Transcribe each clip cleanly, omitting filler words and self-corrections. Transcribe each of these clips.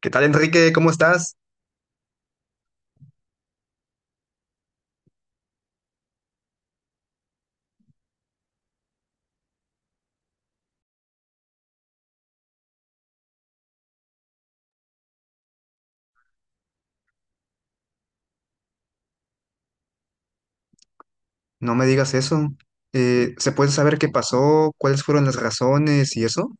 ¿Qué tal, Enrique? ¿Cómo estás? No me digas eso. ¿Se puede saber qué pasó? ¿Cuáles fueron las razones y eso?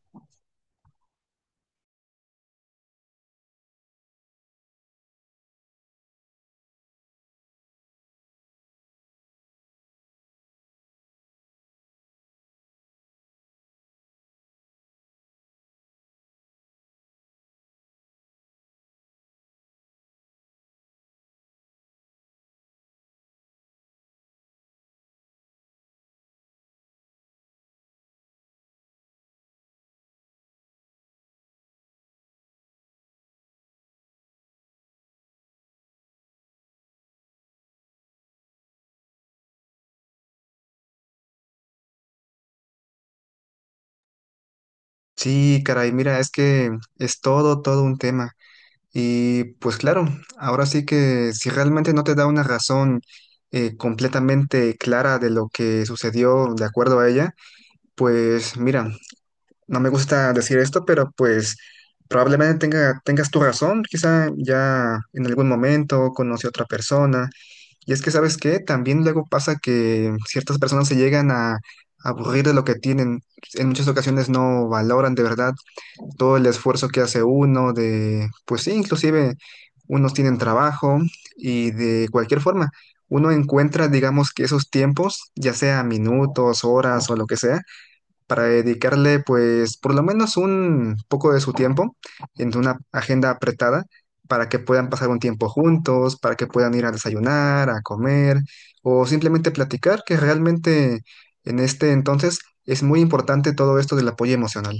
Sí, caray, mira, es que es todo un tema. Y pues claro, ahora sí que si realmente no te da una razón completamente clara de lo que sucedió de acuerdo a ella, pues mira, no me gusta decir esto, pero pues probablemente tengas tu razón, quizá ya en algún momento conoce a otra persona. Y es que, ¿sabes qué? También luego pasa que ciertas personas se llegan a aburrir de lo que tienen, en muchas ocasiones no valoran de verdad todo el esfuerzo que hace uno de, pues sí, inclusive unos tienen trabajo y de cualquier forma, uno encuentra, digamos que esos tiempos, ya sea minutos, horas o lo que sea, para dedicarle pues por lo menos un poco de su tiempo en una agenda apretada, para que puedan pasar un tiempo juntos, para que puedan ir a desayunar, a comer o simplemente platicar, que realmente en este entonces es muy importante todo esto del apoyo emocional.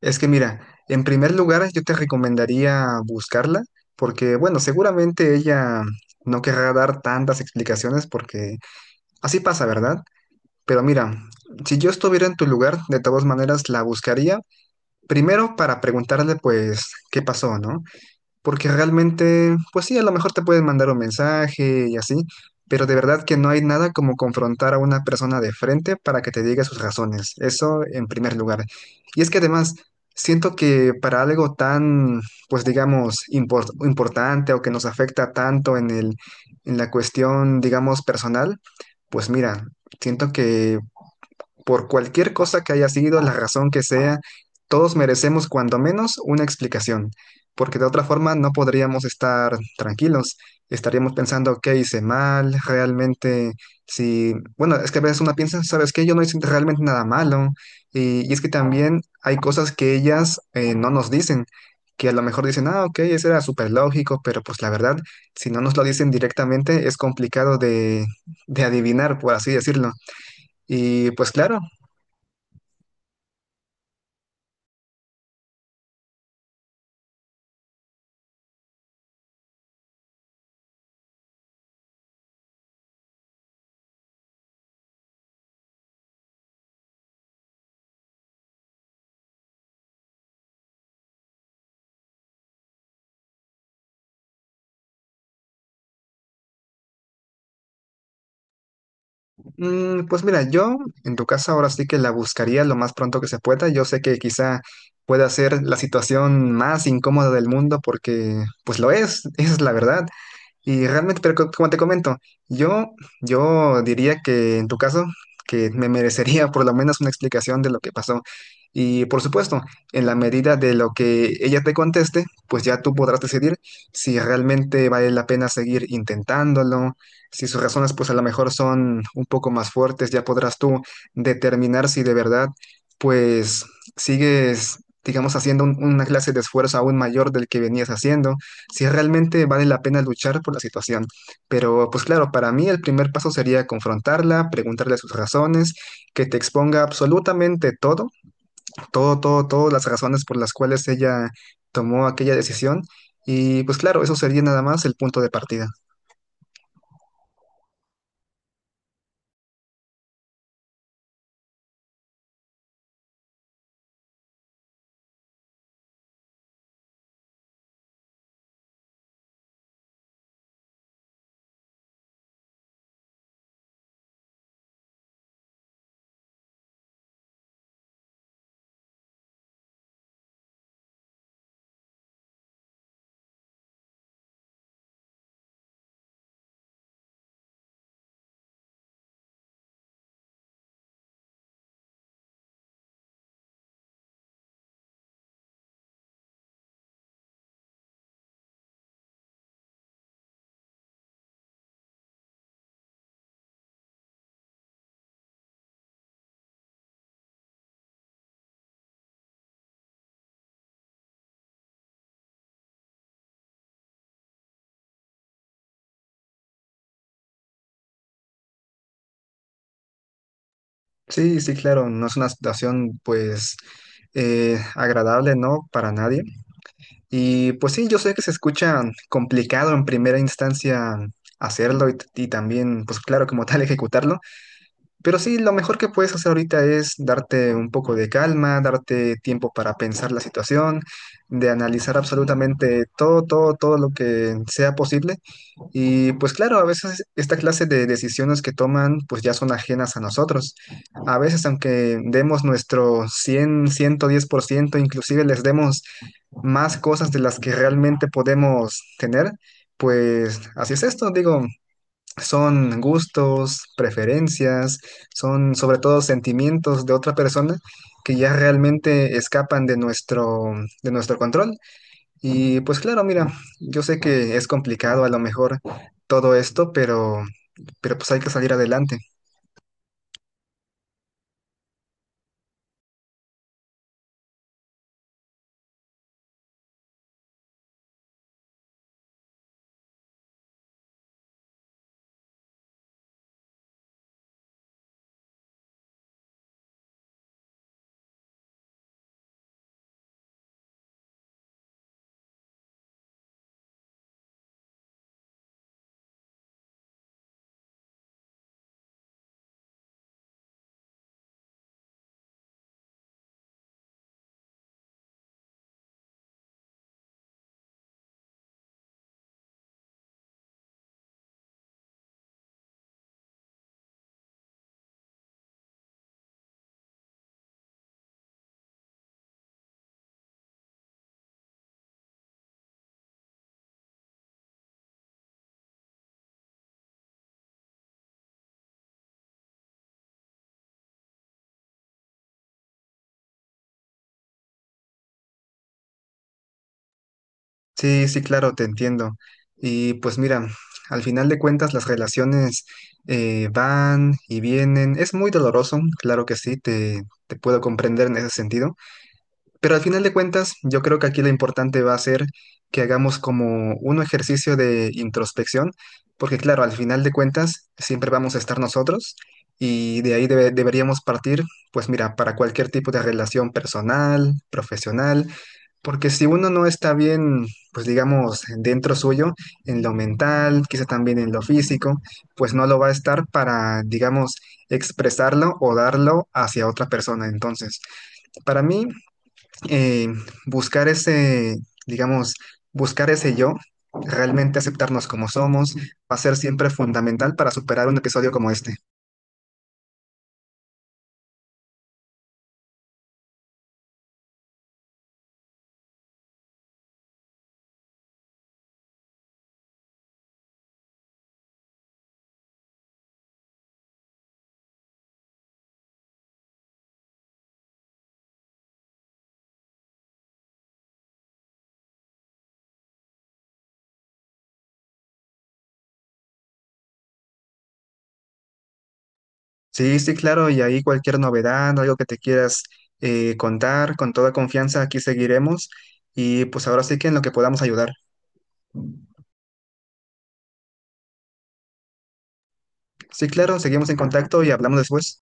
Es que mira, en primer lugar yo te recomendaría buscarla porque, bueno, seguramente ella no querrá dar tantas explicaciones porque así pasa, ¿verdad? Pero mira, si yo estuviera en tu lugar, de todas maneras la buscaría, primero para preguntarle pues qué pasó, ¿no? Porque realmente, pues sí, a lo mejor te pueden mandar un mensaje y así, pero de verdad que no hay nada como confrontar a una persona de frente para que te diga sus razones. Eso en primer lugar. Y es que además, siento que para algo tan, pues digamos, importante o que nos afecta tanto en en la cuestión, digamos, personal, pues mira, siento que por cualquier cosa que haya sido, la razón que sea, todos merecemos cuando menos una explicación, porque de otra forma no podríamos estar tranquilos. Estaríamos pensando, ¿qué hice mal? Realmente, si, bueno, es que a veces uno piensa, ¿sabes qué? Yo no hice realmente nada malo. Y es que también hay cosas que ellas no nos dicen, que a lo mejor dicen, ah, ok, eso era súper lógico, pero pues la verdad, si no nos lo dicen directamente, es complicado de adivinar, por así decirlo. Y pues claro, mm, pues mira, yo en tu casa ahora sí que la buscaría lo más pronto que se pueda. Yo sé que quizá pueda ser la situación más incómoda del mundo porque pues lo es, esa es la verdad. Y realmente, pero como te comento, yo, yo diría que en tu caso, que me merecería por lo menos una explicación de lo que pasó. Y por supuesto, en la medida de lo que ella te conteste, pues ya tú podrás decidir si realmente vale la pena seguir intentándolo, si sus razones pues a lo mejor son un poco más fuertes, ya podrás tú determinar si de verdad pues sigues, digamos, haciendo una clase de esfuerzo aún mayor del que venías haciendo si realmente vale la pena luchar por la situación. Pero pues claro, para mí el primer paso sería confrontarla, preguntarle sus razones, que te exponga absolutamente todo, todas las razones por las cuales ella tomó aquella decisión. Y pues claro, eso sería nada más el punto de partida. Sí, sí, claro, no es una situación pues agradable, ¿no? Para nadie. Y pues sí, yo sé que se escucha complicado en primera instancia hacerlo y también, pues claro, como tal, ejecutarlo, pero sí, lo mejor que puedes hacer ahorita es darte un poco de calma, darte tiempo para pensar la situación, de analizar absolutamente todo, todo lo que sea posible. Y pues claro, a veces esta clase de decisiones que toman, pues ya son ajenas a nosotros. A veces, aunque demos nuestro cien, ciento diez por ciento inclusive les demos más cosas de las que realmente podemos tener, pues así es esto, digo, son gustos, preferencias, son sobre todo sentimientos de otra persona que ya realmente escapan de de nuestro control. Y pues claro, mira, yo sé que es complicado a lo mejor todo esto, pero pues hay que salir adelante. Sí, sí, claro, te entiendo. Y pues mira, al final de cuentas las relaciones van y vienen. Es muy doloroso, claro que sí, te puedo comprender en ese sentido. Pero al final de cuentas yo creo que aquí lo importante va a ser que hagamos como un ejercicio de introspección, porque claro, al final de cuentas siempre vamos a estar nosotros y de ahí deberíamos partir, pues mira, para cualquier tipo de relación personal, profesional. Porque si uno no está bien, pues digamos, dentro suyo, en lo mental, quizá también en lo físico, pues no lo va a estar para, digamos, expresarlo o darlo hacia otra persona. Entonces, para mí, eh, buscar ese, digamos, buscar ese yo, realmente aceptarnos como somos, va a ser siempre fundamental para superar un episodio como este. Sí, sí, claro, y ahí cualquier novedad, ¿no? Algo que te quieras contar, con toda confianza aquí seguiremos y pues ahora sí que en lo que podamos ayudar. Sí, claro, seguimos en contacto y hablamos después.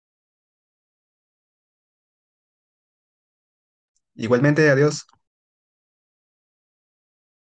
Igualmente, adiós.